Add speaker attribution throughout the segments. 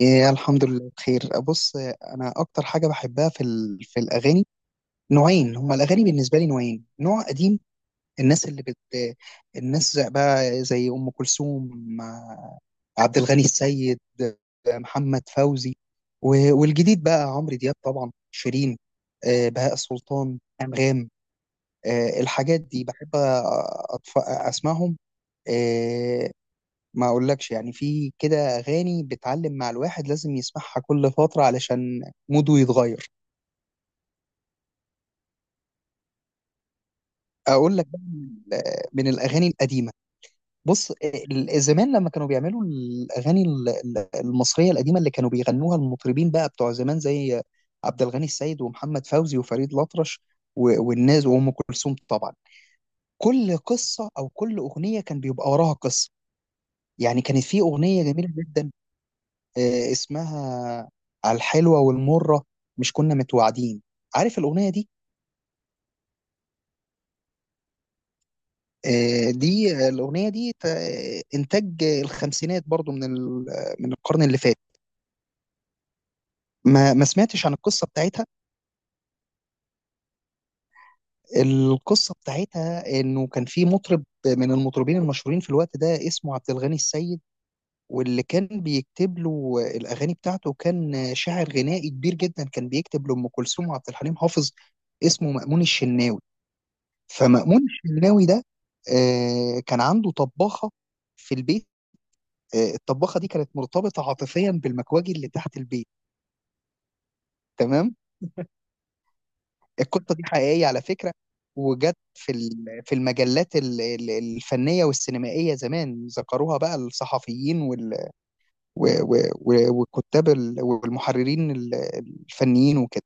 Speaker 1: إيه، الحمد لله بخير. بص، انا اكتر حاجه بحبها في في الاغاني نوعين، هما الاغاني بالنسبه لي نوعين، نوع قديم. الناس اللي بت بقى زي ام كلثوم، آه، عبد الغني السيد، محمد فوزي. والجديد بقى عمرو دياب، طبعا شيرين، بهاء سلطان، انغام. الحاجات دي بحب اسمعهم. آه، ما اقولكش، يعني في كده اغاني بتعلم مع الواحد لازم يسمعها كل فتره علشان موده يتغير. اقول لك بقى من الاغاني القديمه، بص، زمان لما كانوا بيعملوا الاغاني المصريه القديمه اللي كانوا بيغنوها المطربين بقى بتوع زمان، زي عبد الغني السيد ومحمد فوزي وفريد الأطرش، والناس وام كلثوم طبعا، كل قصه او كل اغنيه كان بيبقى وراها قصه. يعني كانت في اغنيه جميله جدا اسمها على الحلوه والمره، مش كنا متوعدين. عارف الاغنيه دي؟ دي الاغنيه دي انتاج الخمسينات، برضو من من القرن اللي فات. ما سمعتش عن القصة بتاعتها؟ القصة بتاعتها انه كان في مطرب من المطربين المشهورين في الوقت ده، اسمه عبد الغني السيد، واللي كان بيكتب له الاغاني بتاعته كان شاعر غنائي كبير جدا، كان بيكتب لأم كلثوم وعبد الحليم حافظ، اسمه مأمون الشناوي. فمأمون الشناوي ده كان عنده طباخة في البيت. الطباخة دي كانت مرتبطة عاطفيا بالمكواجي اللي تحت البيت. تمام. القصه دي حقيقيه على فكره، وجت في في المجلات الفنيه والسينمائيه زمان، ذكروها بقى الصحفيين والكتاب والمحررين الفنيين وكده.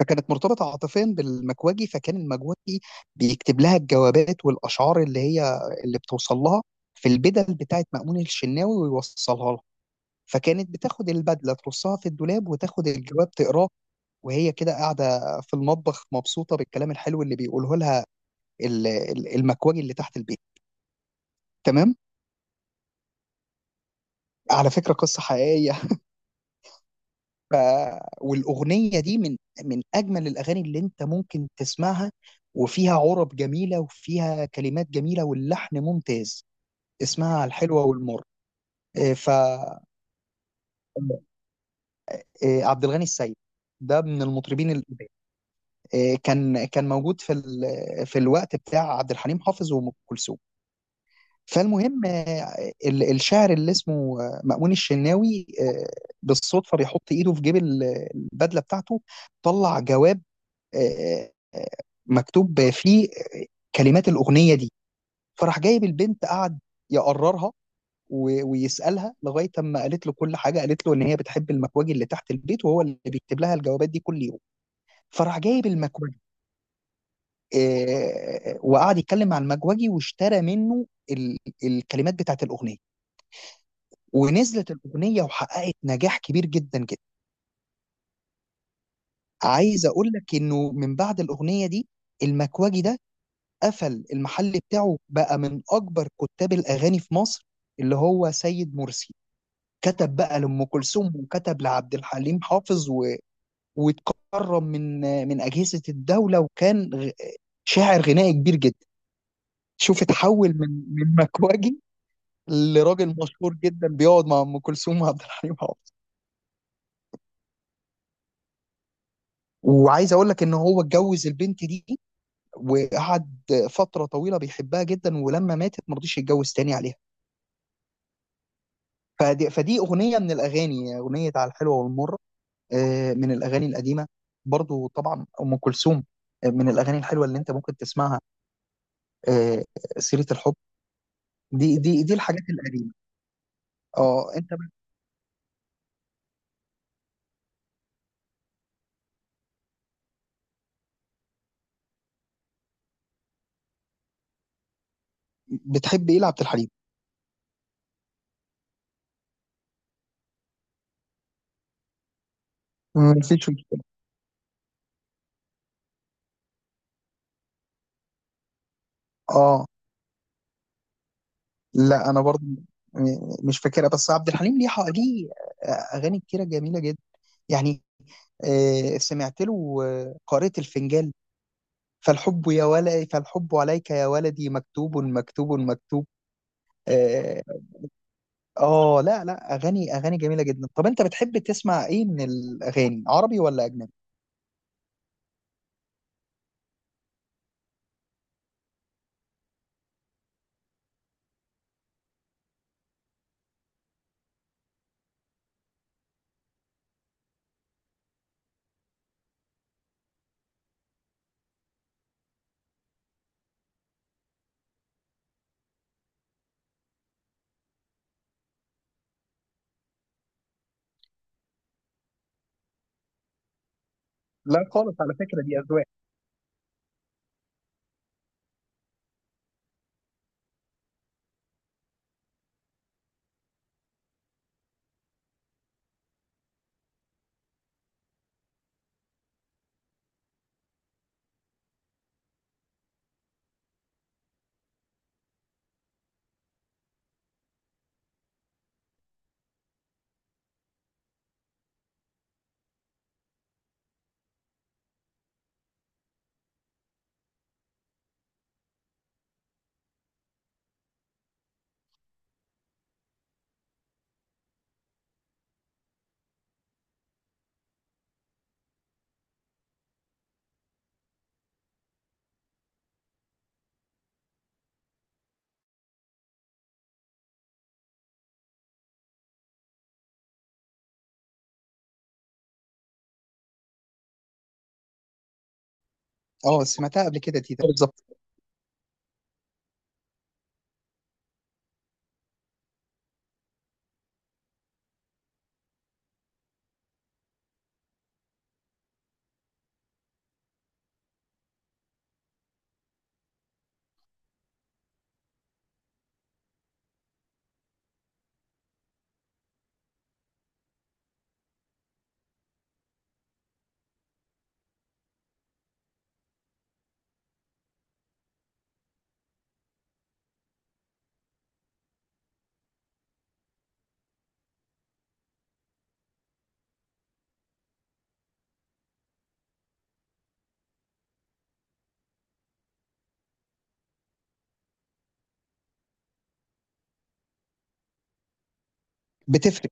Speaker 1: فكانت مرتبطه عاطفيا بالمكواجي، فكان المكواجي بيكتب لها الجوابات والاشعار اللي هي اللي بتوصل لها في البدل بتاعت مأمون الشناوي ويوصلها لها. فكانت بتاخد البدله ترصها في الدولاب وتاخد الجواب تقراه، وهي كده قاعدة في المطبخ مبسوطة بالكلام الحلو اللي بيقوله لها المكواجي اللي تحت البيت. تمام. على فكرة قصة حقيقية. ف... والأغنية دي من أجمل الأغاني اللي أنت ممكن تسمعها، وفيها عرب جميلة وفيها كلمات جميلة واللحن ممتاز. اسمها الحلوة والمر. إيه، ف إيه، عبد الغني السيد، ده من المطربين القدام. إيه، كان موجود في في الوقت بتاع عبد الحليم حافظ وأم كلثوم. فالمهم الشاعر اللي اسمه مأمون الشناوي بالصدفة بيحط إيده في جيب البدلة بتاعته، طلع جواب آه، آه، مكتوب فيه كلمات الأغنية دي. فراح جايب البنت، قعد يقررها ويسألها لغاية أما قالت له كل حاجة، قالت له إن هي بتحب المكواجي اللي تحت البيت، وهو اللي بيكتب لها الجوابات دي كل يوم. فراح جايب المكواجي آه، وقعد يتكلم مع المكواجي واشترى منه ال- الكلمات بتاعت الأغنية. ونزلت الاغنيه وحققت نجاح كبير جدا جدا. عايز اقول لك انه من بعد الاغنيه دي، المكواجي ده قفل المحل بتاعه، بقى من اكبر كتاب الاغاني في مصر، اللي هو سيد مرسي. كتب بقى لام كلثوم وكتب لعبد الحليم حافظ واتكرم من اجهزه الدوله، وكان شاعر غنائي كبير جدا. شوف، اتحول من مكواجي لراجل مشهور جدا بيقعد مع ام كلثوم وعبد الحليم حافظ. وعايز اقول لك ان هو اتجوز البنت دي، وقعد فترة طويلة بيحبها جدا، ولما ماتت ما رضيش يتجوز تاني عليها. فدي أغنية من الأغاني، أغنية على الحلوة والمرة، من الأغاني القديمة. برضو طبعا أم كلثوم، من الأغاني الحلوة اللي أنت ممكن تسمعها، آه، سيرة الحب. دي الحاجات القديمة. اه، أنت بتحب إيه لعبد الحليم؟ مفيش مشكلة. اه، لا، أنا برضو مش فاكرها، بس عبد الحليم ليه ليه أغاني كتيرة جميلة جدا، يعني سمعت له قارئة الفنجان: فالحب يا ولدي، فالحب عليك يا ولدي مكتوب، مكتوب، مكتوب. اه. لا لا، اغاني جميله جدا. طب انت بتحب تسمع ايه من الاغاني، عربي ولا اجنبي؟ لا خالص، على فكرة دي أذواق. اه، سمعتها قبل كده تيتا بالظبط. بتفرق.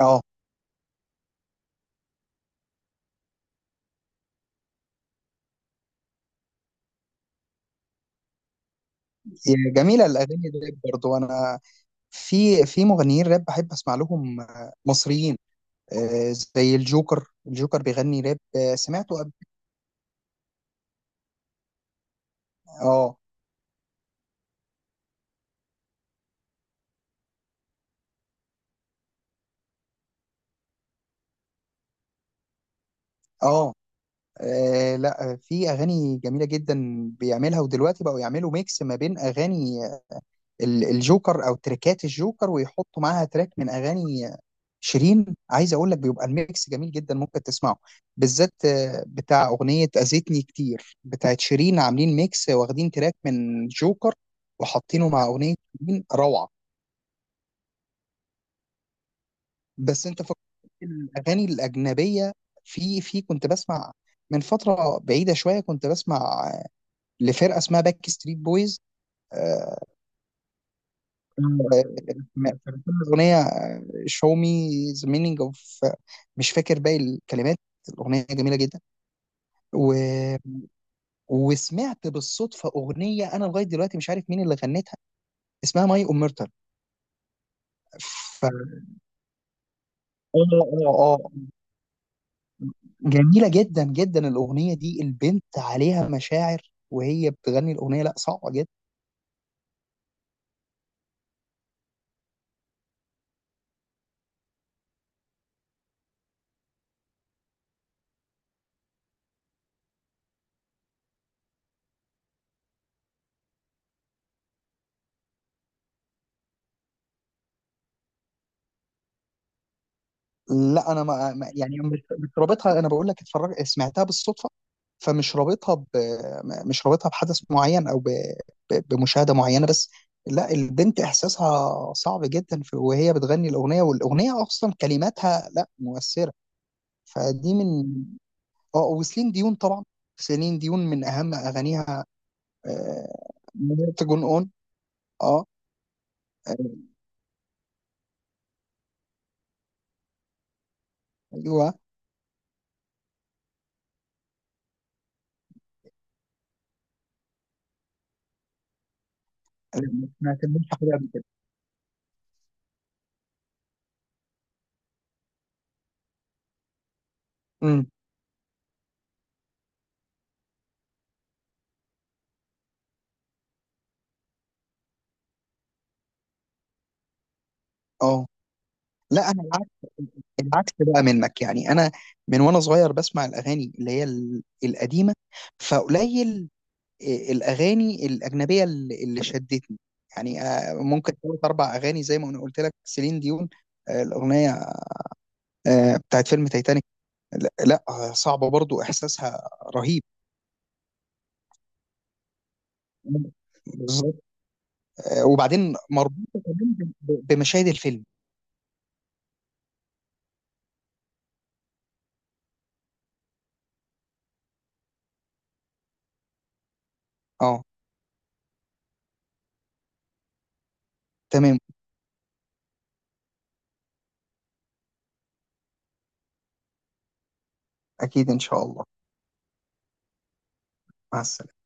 Speaker 1: اه، جميله الاغاني الراب برضو. انا في مغنيين راب بحب اسمع لهم مصريين، زي الجوكر. الجوكر بيغني راب سمعته قبل. اه، اه. آه، لا، في اغاني جميله جدا بيعملها، ودلوقتي بقوا يعملوا ميكس ما بين اغاني الجوكر او تريكات الجوكر، ويحطوا معاها تراك من اغاني شيرين. عايز اقول لك بيبقى الميكس جميل جدا، ممكن تسمعه، بالذات بتاع اغنيه اذيتني كتير بتاعت شيرين. عاملين ميكس واخدين تراك من جوكر وحاطينه مع اغنيه شيرين، روعه. بس انت فكرت الاغاني الاجنبيه، في كنت بسمع، من فتره بعيده شويه كنت بسمع لفرقه اسمها باك ستريت بويز. آه، م- الاغنيه شو مي ذا مينينج اوف، مش فاكر باقي الكلمات. الاغنيه جميله جدا. و... وسمعت بالصدفه اغنيه انا لغايه دلوقتي مش عارف مين اللي غنتها، اسمها ماي اومرتال. ف اه اه. جميله جدا جدا الاغنيه دي. البنت عليها مشاعر وهي بتغني الاغنيه، لا صعبه جدا. لا انا يعني مش رابطها، انا بقول لك اتفرج، سمعتها بالصدفه، فمش رابطها مش رابطها بحدث معين او بمشاهده معينه بس. لا البنت احساسها صعب جدا وهي بتغني الاغنيه، والاغنيه اصلا كلماتها لا مؤثره. فدي من، اه، وسيلين ديون طبعا. سيلين ديون من اهم اغانيها آه... تجون اون. اه. آه، ايوه. آه، ما سمعتش حاجه قبل كده. امم. اه. لا انا العكس بقى منك، يعني انا من وانا صغير بسمع الاغاني اللي هي القديمه. فقليل الاغاني الاجنبيه اللي شدتني، يعني ممكن ثلاث اربع اغاني زي ما انا قلت لك، سيلين ديون الاغنيه بتاعت فيلم تايتانيك. لا لا، صعبه برضو احساسها، رهيب. بالظبط. وبعدين مربوطه كمان بمشاهد الفيلم. اه. تمام. اكيد ان شاء الله. مع السلامه.